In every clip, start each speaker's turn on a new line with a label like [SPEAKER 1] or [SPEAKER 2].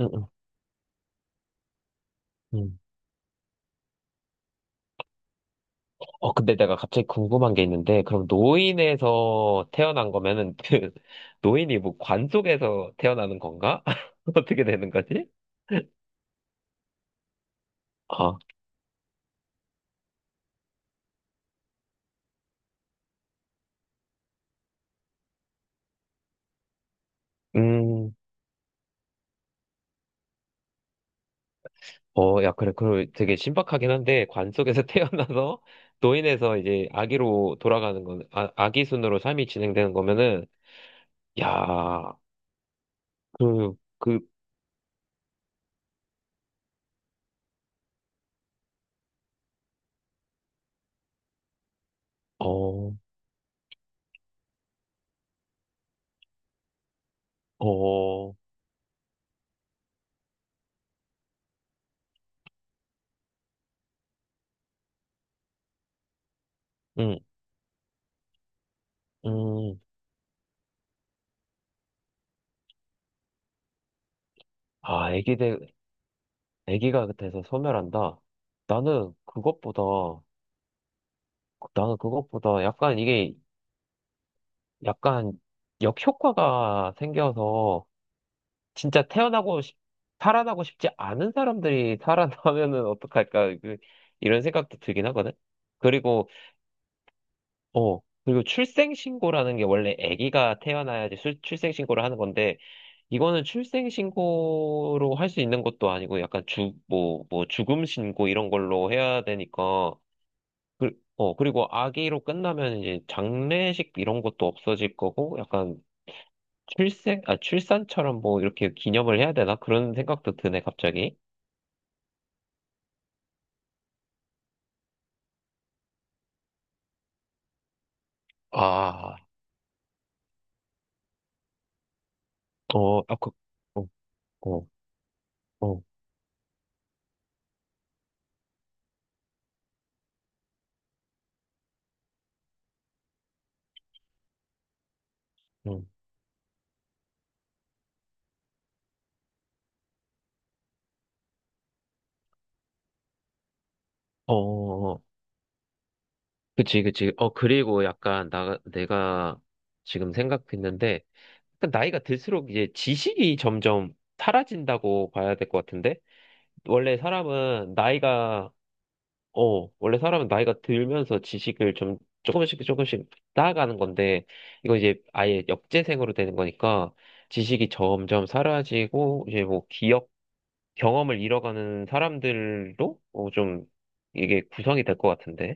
[SPEAKER 1] 응, 응, 응. 어, 근데 내가 갑자기 궁금한 게 있는데, 그럼 노인에서 태어난 거면은, 그, 노인이 뭐 관 속에서 태어나는 건가? 어떻게 되는 거지? 아, 음, 어, 야, 그래, 그 되게 신박하긴 한데, 관 속에서 태어나서, 노인에서 이제 아기로 돌아가는 건, 아, 아기 순으로 삶이 진행되는 거면은, 야, 그, 그, 어, 어, 음, 음, 아, 애기들, 애기가 돼서 소멸한다. 나는 그것보다, 나는 그것보다 약간 이게 약간 역효과가 생겨서 진짜 태어나고 싶, 살아나고 싶지 않은 사람들이 살아나면은 어떡할까. 그, 이런 생각도 들긴 하거든. 그리고, 어, 그리고 출생신고라는 게 원래 아기가 태어나야지 출생신고를 하는 건데, 이거는 출생신고로 할 수 있는 것도 아니고 약간 주, 뭐, 죽음신고 이런 걸로 해야 되니까, 그, 어, 그리고 아기로 끝나면 이제 장례식 이런 것도 없어질 거고, 약간 아, 출산처럼 뭐 이렇게 기념을 해야 되나? 그런 생각도 드네, 갑자기. 아, 어, 아, 그, 어, 어, 어, 음. 어, 어, 어. 그치, 그치. 어, 그리고 약간 내가 지금 생각했는데, 약간 나이가 들수록 이제 지식이 점점 사라진다고 봐야 될 것 같은데? 원래 사람은 나이가 원래 사람은 나이가 들면서 지식을 좀 조금씩 조금씩 쌓아가는 건데, 이거 이제 아예 역재생으로 되는 거니까, 지식이 점점 사라지고, 이제 뭐 기억, 경험을 잃어가는 사람들로 어, 좀 이게 구성이 될 것 같은데.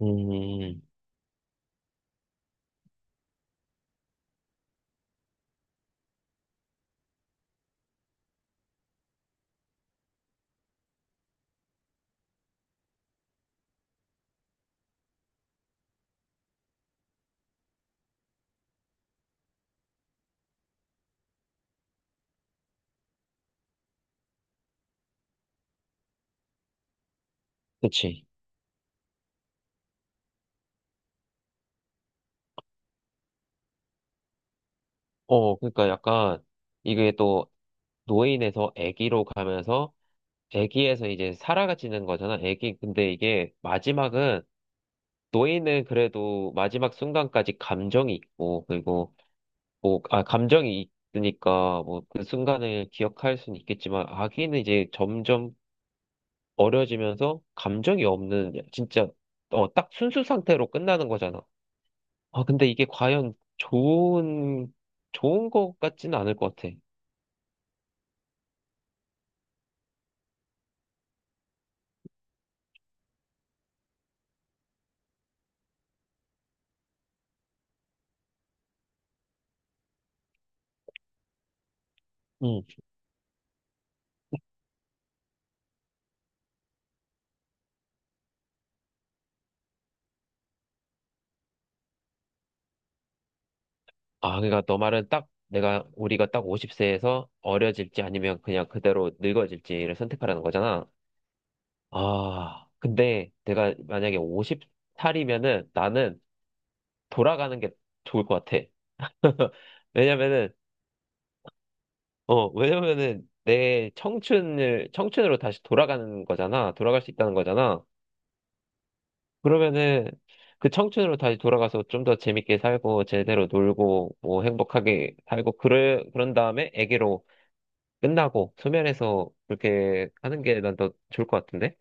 [SPEAKER 1] 음, 그치. 어, 그러니까 약간 이게 또 노인에서 아기로 가면서 아기에서 이제 살아가지는 거잖아. 아기 근데 이게 마지막은 노예는 그래도 마지막 순간까지 감정이 있고, 그리고, 뭐, 아, 감정이 있으니까, 뭐, 그 순간을 기억할 수는 있겠지만, 아기는 이제 점점 어려지면서 감정이 없는, 진짜, 어, 딱 순수 상태로 끝나는 거잖아. 아, 근데 이게 과연 좋은 것 같지는 않을 것 같아. 음. 아, 그러니까 너 말은 딱, 내가, 우리가 딱 50세에서 어려질지 아니면 그냥 그대로 늙어질지를 선택하라는 거잖아. 아, 근데 내가 만약에 50살이면은 나는 돌아가는 게 좋을 것 같아. 왜냐면은, 어, 왜냐면은 내 청춘을, 청춘으로 다시 돌아가는 거잖아. 돌아갈 수 있다는 거잖아. 그러면은 그 청춘으로 다시 돌아가서 좀 더 재밌게 살고, 제대로 놀고, 뭐 행복하게 살고, 그래, 그런 다음에 애기로 끝나고, 소멸해서 그렇게 하는 게 난 더 좋을 것 같은데?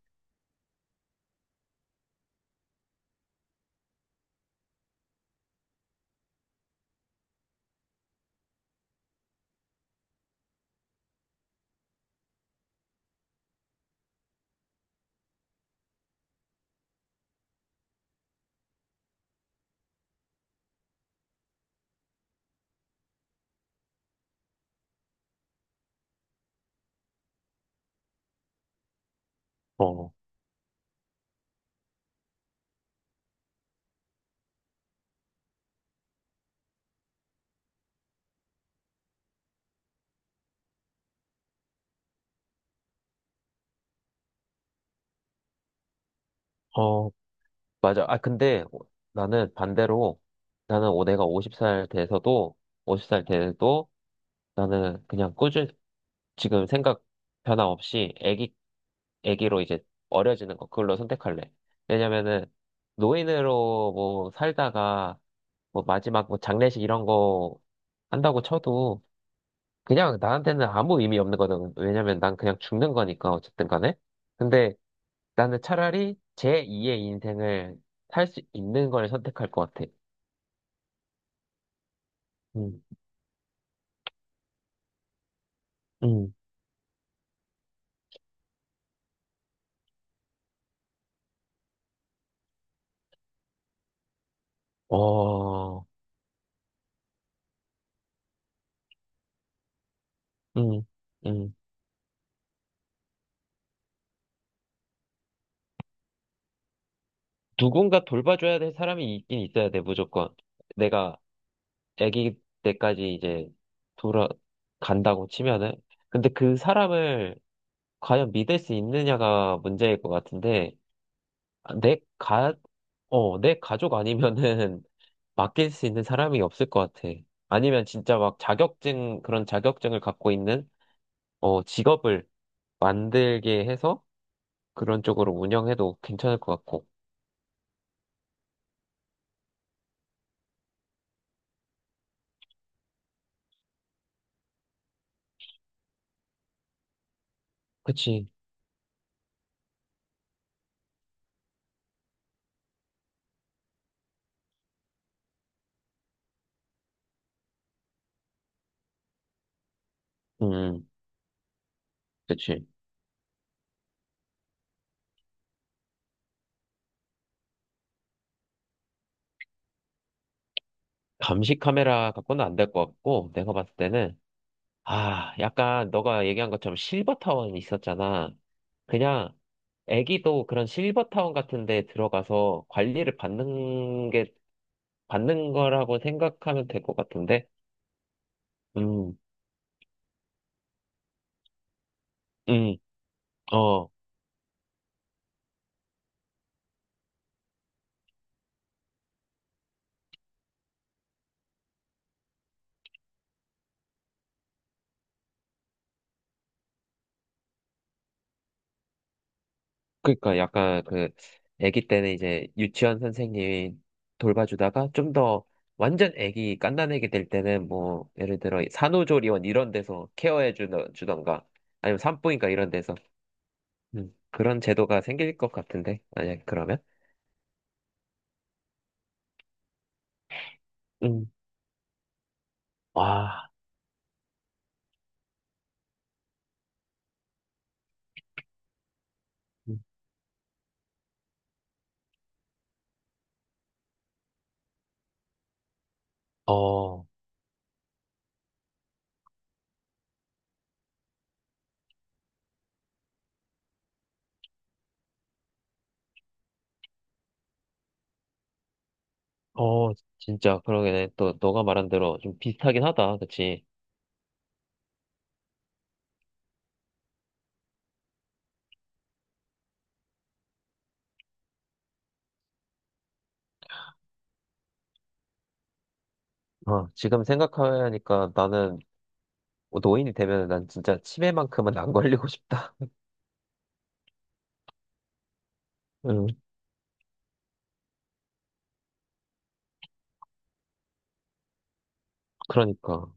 [SPEAKER 1] 어, 어, 맞아. 아, 근데 나는 반대로 나는 내가 50살 돼서도 50살 돼도 나는 그냥 꾸준히 지금 생각 변화 없이 애기, 애기로 이제 어려지는 거 그걸로 선택할래. 왜냐면은 노인으로 뭐 살다가 뭐 마지막 뭐 장례식 이런 거 한다고 쳐도 그냥 나한테는 아무 의미 없는 거거든. 왜냐면 난 그냥 죽는 거니까 어쨌든 간에. 근데 나는 차라리 제2의 인생을 살 수 있는 걸 선택할 것 같아. 음, 음, 어, 음, 음. 누군가 돌봐줘야 될 사람이 있긴 있어야 돼, 무조건. 내가 아기 때까지 이제 돌아간다고 치면은. 근데 그 사람을 과연 믿을 수 있느냐가 문제일 것 같은데, 아, 어, 내 가족 아니면은 맡길 수 있는 사람이 없을 것 같아. 아니면 진짜 막 자격증, 그런 자격증을 갖고 있는, 어, 직업을 만들게 해서 그런 쪽으로 운영해도 괜찮을 것 같고. 그치. 음, 그치. 감시 카메라 갖고는 안 될 것 같고, 내가 봤을 때는, 아, 약간 너가 얘기한 것처럼 실버 타운 있었잖아. 그냥 애기도 그런 실버 타운 같은 데 들어가서 관리를 받는 거라고 생각하면 될 것 같은데? 음, 음, 어. 그러니까 약간 그 아기 때는 이제 유치원 선생님이 돌봐주다가 좀 더 완전 아기 갓난아기 될 때는 뭐 예를 들어 산후조리원 이런 데서 케어해 주던가 아니면 산부인과 이런 데서 그런 제도가 생길 것 같은데 만약에 그러면 음, 와, 음, 어, 어, 진짜 그러게 또 너가 말한 대로 좀 비슷하긴 하다, 그치? 어, 지금 생각하니까 나는 뭐 노인이 되면 난 진짜 치매만큼은 안 걸리고 싶다. 음, 그러니까.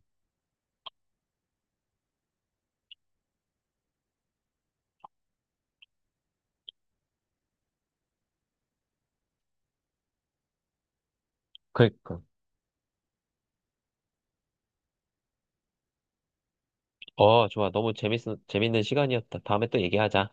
[SPEAKER 1] 그러니까. 어, 좋아. 너무 재밌는 시간이었다. 다음에 또 얘기하자.